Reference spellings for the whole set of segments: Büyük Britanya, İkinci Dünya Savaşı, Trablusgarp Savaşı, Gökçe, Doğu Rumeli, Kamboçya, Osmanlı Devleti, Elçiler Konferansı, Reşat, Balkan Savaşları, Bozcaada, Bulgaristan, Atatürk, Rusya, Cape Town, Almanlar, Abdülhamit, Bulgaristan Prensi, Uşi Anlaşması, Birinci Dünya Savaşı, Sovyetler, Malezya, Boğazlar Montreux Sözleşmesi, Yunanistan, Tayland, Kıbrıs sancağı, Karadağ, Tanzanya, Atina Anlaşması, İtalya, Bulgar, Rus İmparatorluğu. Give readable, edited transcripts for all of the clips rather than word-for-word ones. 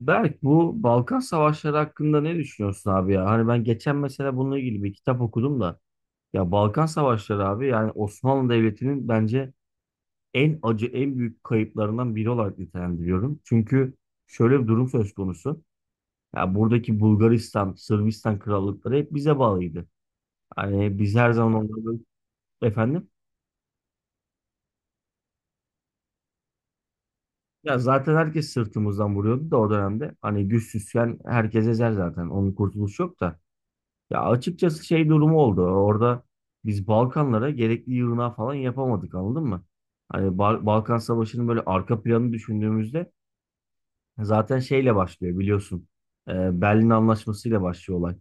Berk, bu Balkan Savaşları hakkında ne düşünüyorsun abi ya? Hani ben geçen mesela bununla ilgili bir kitap okudum da ya Balkan Savaşları abi, yani Osmanlı Devleti'nin bence en acı, en büyük kayıplarından biri olarak nitelendiriyorum. Çünkü şöyle bir durum söz konusu. Ya buradaki Bulgaristan, Sırbistan krallıkları hep bize bağlıydı. Hani biz her zaman onları efendim ya zaten herkes sırtımızdan vuruyordu da o dönemde. Hani güçsüzken herkes ezer zaten. Onun kurtuluşu yok da. Ya açıkçası şey durumu oldu. Orada biz Balkanlara gerekli yığınağı falan yapamadık, anladın mı? Hani Balkan Savaşı'nın böyle arka planı düşündüğümüzde zaten şeyle başlıyor, biliyorsun. Berlin Anlaşması ile başlıyor olay.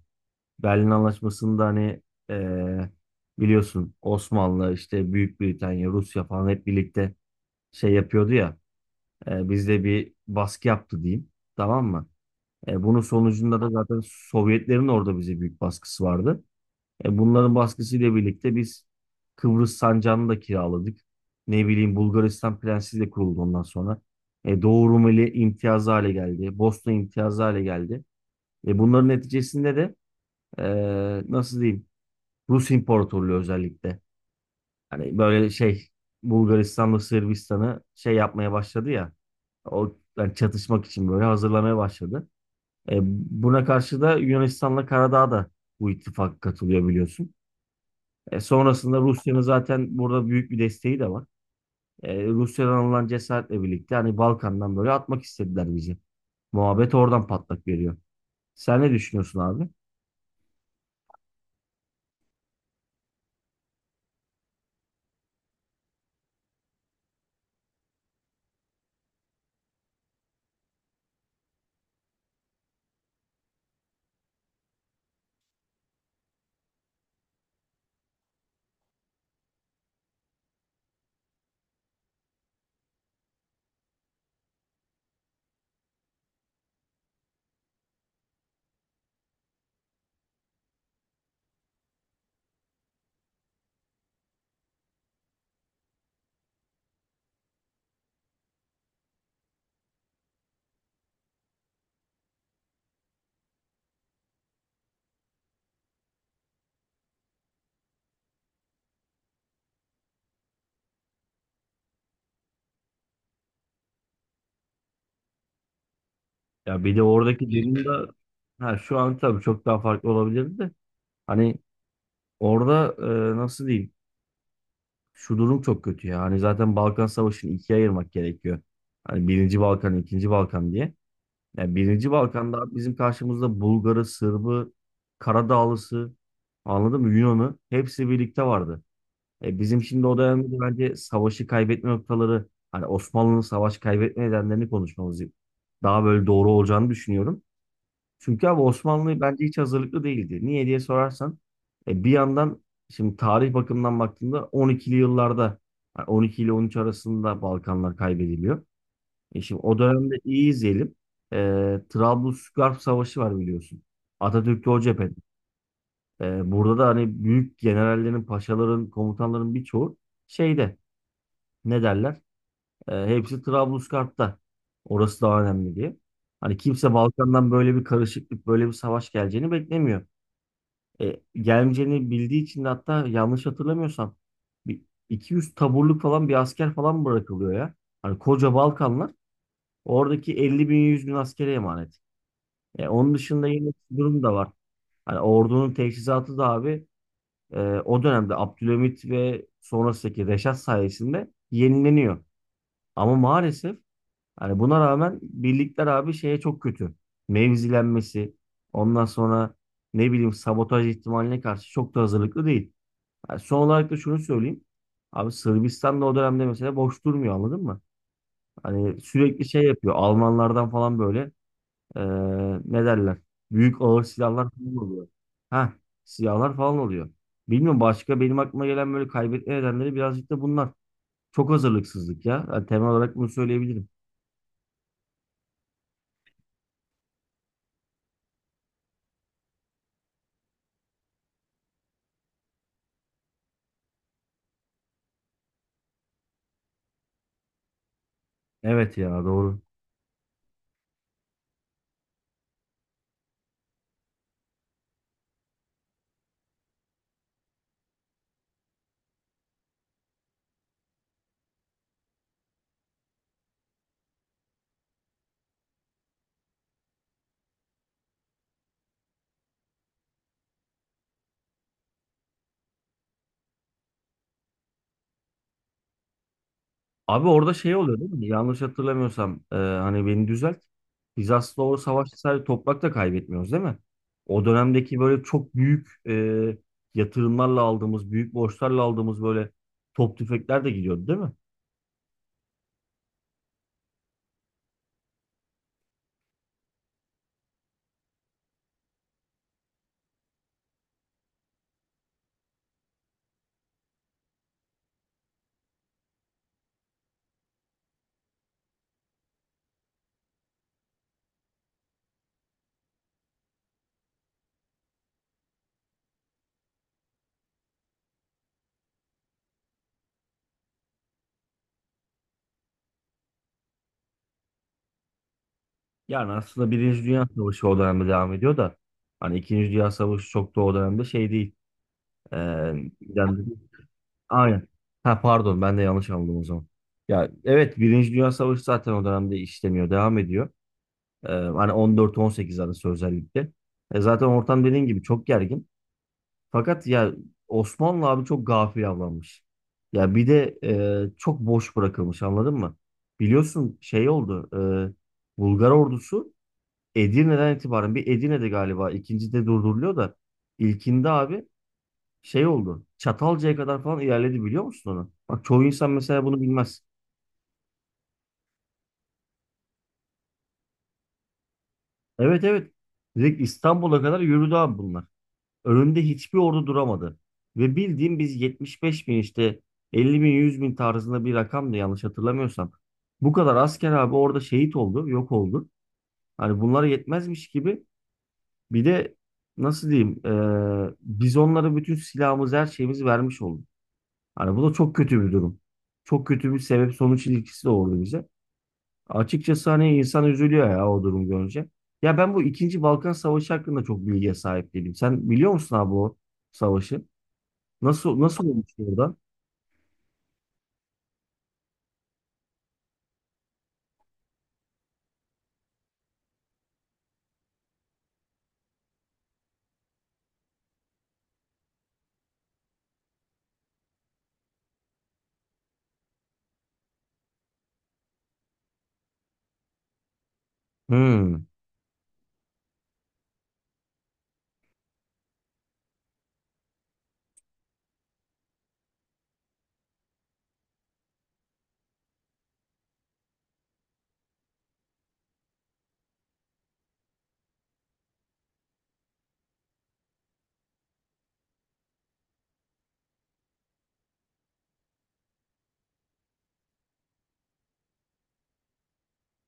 Berlin Anlaşması'nda hani ee, biliyorsun Osmanlı işte Büyük Britanya, Rusya falan hep birlikte şey yapıyordu ya. Bizde bir baskı yaptı diyeyim. Tamam mı? Bunun sonucunda da zaten Sovyetlerin orada bize büyük baskısı vardı. Bunların baskısıyla birlikte biz Kıbrıs sancağını da kiraladık. Ne bileyim Bulgaristan Prensi de kuruldu ondan sonra. Doğu Rumeli imtiyazı hale geldi. Bosna imtiyazı hale geldi. Bunların neticesinde de e, nasıl diyeyim Rus İmparatorluğu özellikle. Hani böyle şey Bulgaristan'la Sırbistan'ı şey yapmaya başladı ya. O yani çatışmak için böyle hazırlamaya başladı. E, Buna karşı da Yunanistan'la Karadağ da bu ittifak katılıyor, biliyorsun. Sonrasında Rusya'nın zaten burada büyük bir desteği de var. Rusya'dan alınan cesaretle birlikte hani Balkan'dan böyle atmak istediler bizi. Muhabbet oradan patlak veriyor. Sen ne düşünüyorsun abi? Ya bir de oradaki durumda ha, şu an tabii çok daha farklı olabilirdi de. Hani orada nasıl diyeyim? Şu durum çok kötü ya. Hani zaten Balkan Savaşı'nı ikiye ayırmak gerekiyor. Hani birinci Balkan, ikinci Balkan diye. Yani Birinci Balkan'da abi bizim karşımızda Bulgarı, Sırbı, Karadağlısı, anladın mı? Yunan'ı, hepsi birlikte vardı. E bizim şimdi o dönemde de bence savaşı kaybetme noktaları, hani Osmanlı'nın savaş kaybetme nedenlerini konuşmamız daha böyle doğru olacağını düşünüyorum. Çünkü abi Osmanlı bence hiç hazırlıklı değildi. Niye diye sorarsan, e bir yandan şimdi tarih bakımından baktığında 12'li yıllarda, yani 12 ile 13 arasında Balkanlar kaybediliyor. E şimdi o dönemde iyi izleyelim. E, Trablusgarp Savaşı var, biliyorsun. Atatürk'te o cephede. Burada da hani büyük generallerin, paşaların, komutanların birçoğu şeyde ne derler? Hepsi Trablusgarp'ta. Orası daha önemli diye. Hani kimse Balkan'dan böyle bir karışıklık, böyle bir savaş geleceğini beklemiyor. Gelmeyeceğini bildiği için de hatta yanlış hatırlamıyorsam bir 200 taburluk falan bir asker falan bırakılıyor ya. Hani koca Balkanlar oradaki 50 bin 100 bin askere emanet. Onun dışında yine şu durum da var. Hani ordunun teçhizatı da abi e, o dönemde Abdülhamit ve sonrasındaki Reşat sayesinde yenileniyor. Ama maalesef hani buna rağmen birlikler abi şeye çok kötü. Mevzilenmesi, ondan sonra ne bileyim sabotaj ihtimaline karşı çok da hazırlıklı değil. Yani son olarak da şunu söyleyeyim. Abi Sırbistan da o dönemde mesela boş durmuyor, anladın mı? Hani sürekli şey yapıyor. Almanlardan falan böyle ee, ne derler? Büyük ağır silahlar falan oluyor. Ha, silahlar falan oluyor. Bilmiyorum başka benim aklıma gelen böyle kaybetme nedenleri birazcık da bunlar. Çok hazırlıksızlık ya. Yani temel olarak bunu söyleyebilirim. Evet ya doğru. Abi orada şey oluyor değil mi? Yanlış hatırlamıyorsam hani beni düzelt. Biz aslında o savaşta sadece toprak da kaybetmiyoruz değil mi? O dönemdeki böyle çok büyük yatırımlarla aldığımız, büyük borçlarla aldığımız böyle top tüfekler de gidiyordu değil mi? Yani aslında Birinci Dünya Savaşı o dönemde devam ediyor da hani İkinci Dünya Savaşı çok da o dönemde şey değil. Ee, yani- aynen. Ha pardon, ben de yanlış anladım o zaman. Ya evet, Birinci Dünya Savaşı zaten o dönemde işlemiyor, devam ediyor. Hani 14-18 arası özellikle. Zaten ortam dediğin gibi çok gergin. Fakat ya Osmanlı abi çok gafil avlanmış. Ya bir de çok boş bırakılmış, anladın mı? Biliyorsun şey oldu. Bulgar ordusu Edirne'den itibaren bir Edirne'de galiba ikinci de durduruluyor da ilkinde abi şey oldu. Çatalca'ya kadar falan ilerledi, biliyor musun onu? Bak çoğu insan mesela bunu bilmez. Evet, evet. Direkt İstanbul'a kadar yürüdü abi bunlar. Önünde hiçbir ordu duramadı. Ve bildiğim biz 75 bin işte 50 bin 100 bin tarzında bir rakamdı yanlış hatırlamıyorsam. Bu kadar asker abi orada şehit oldu, yok oldu. Hani bunlara yetmezmiş gibi bir de nasıl diyeyim biz onlara bütün silahımızı, her şeyimizi vermiş olduk. Hani bu da çok kötü bir durum. Çok kötü bir sebep sonuç ilişkisi de oldu bize. Açıkçası hani insan üzülüyor ya o durum görünce. Ya ben bu ikinci Balkan Savaşı hakkında çok bilgiye sahip değilim. Sen biliyor musun abi o savaşı? Nasıl, nasıl olmuş orada? Hmm.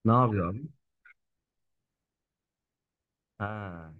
Ne yapıyor abi? Ha.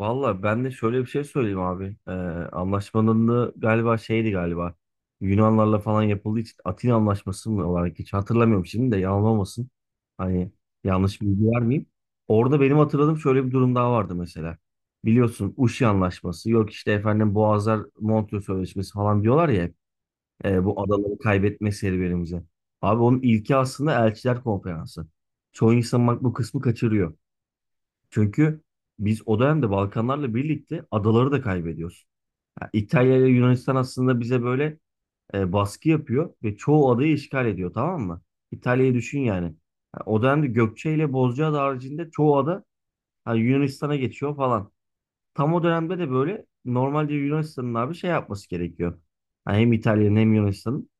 Valla ben de şöyle bir şey söyleyeyim abi. Anlaşmanın da galiba şeydi galiba. Yunanlarla falan yapıldığı için Atina Anlaşması mı olarak hiç hatırlamıyorum şimdi de yanılmasın. Hani yanlış bilgi vermeyeyim. Orada benim hatırladığım şöyle bir durum daha vardı mesela. Biliyorsun Uşi Anlaşması yok işte efendim Boğazlar Montreux Sözleşmesi falan diyorlar ya hep. Bu adaları kaybetme serüvenimize. Abi onun ilki aslında Elçiler Konferansı. Çoğu insan bak bu kısmı kaçırıyor. Çünkü biz o dönemde Balkanlarla birlikte adaları da kaybediyoruz. Ha, İtalya ile Yunanistan aslında bize böyle baskı yapıyor ve çoğu adayı işgal ediyor, tamam mı? İtalya'yı düşün yani. Ha, o dönemde Gökçe ile Bozcaada haricinde çoğu ada hani Yunanistan'a geçiyor falan. Tam o dönemde de böyle normalde Yunanistan'ın abi şey yapması gerekiyor. Ha, hem İtalya'nın hem Yunanistan'ın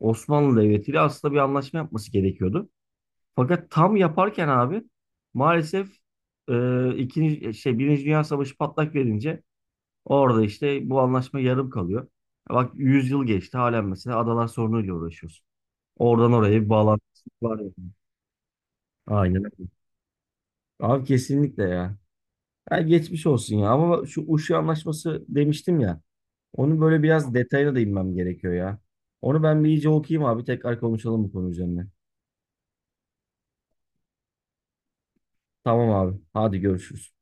Osmanlı Devleti ile aslında bir anlaşma yapması gerekiyordu. Fakat tam yaparken abi maalesef ikinci şey Birinci Dünya Savaşı patlak verince orada işte bu anlaşma yarım kalıyor. Bak 100 yıl geçti halen mesela adalar sorunuyla uğraşıyoruz. Oradan oraya bir bağlantı var ya. Aynen öyle. Abi kesinlikle ya. Ya geçmiş olsun ya ama şu Uşu Anlaşması demiştim ya. Onun böyle biraz detayına da inmem gerekiyor ya. Onu ben bir iyice okuyayım abi, tekrar konuşalım bu konu üzerine. Tamam abi, hadi görüşürüz.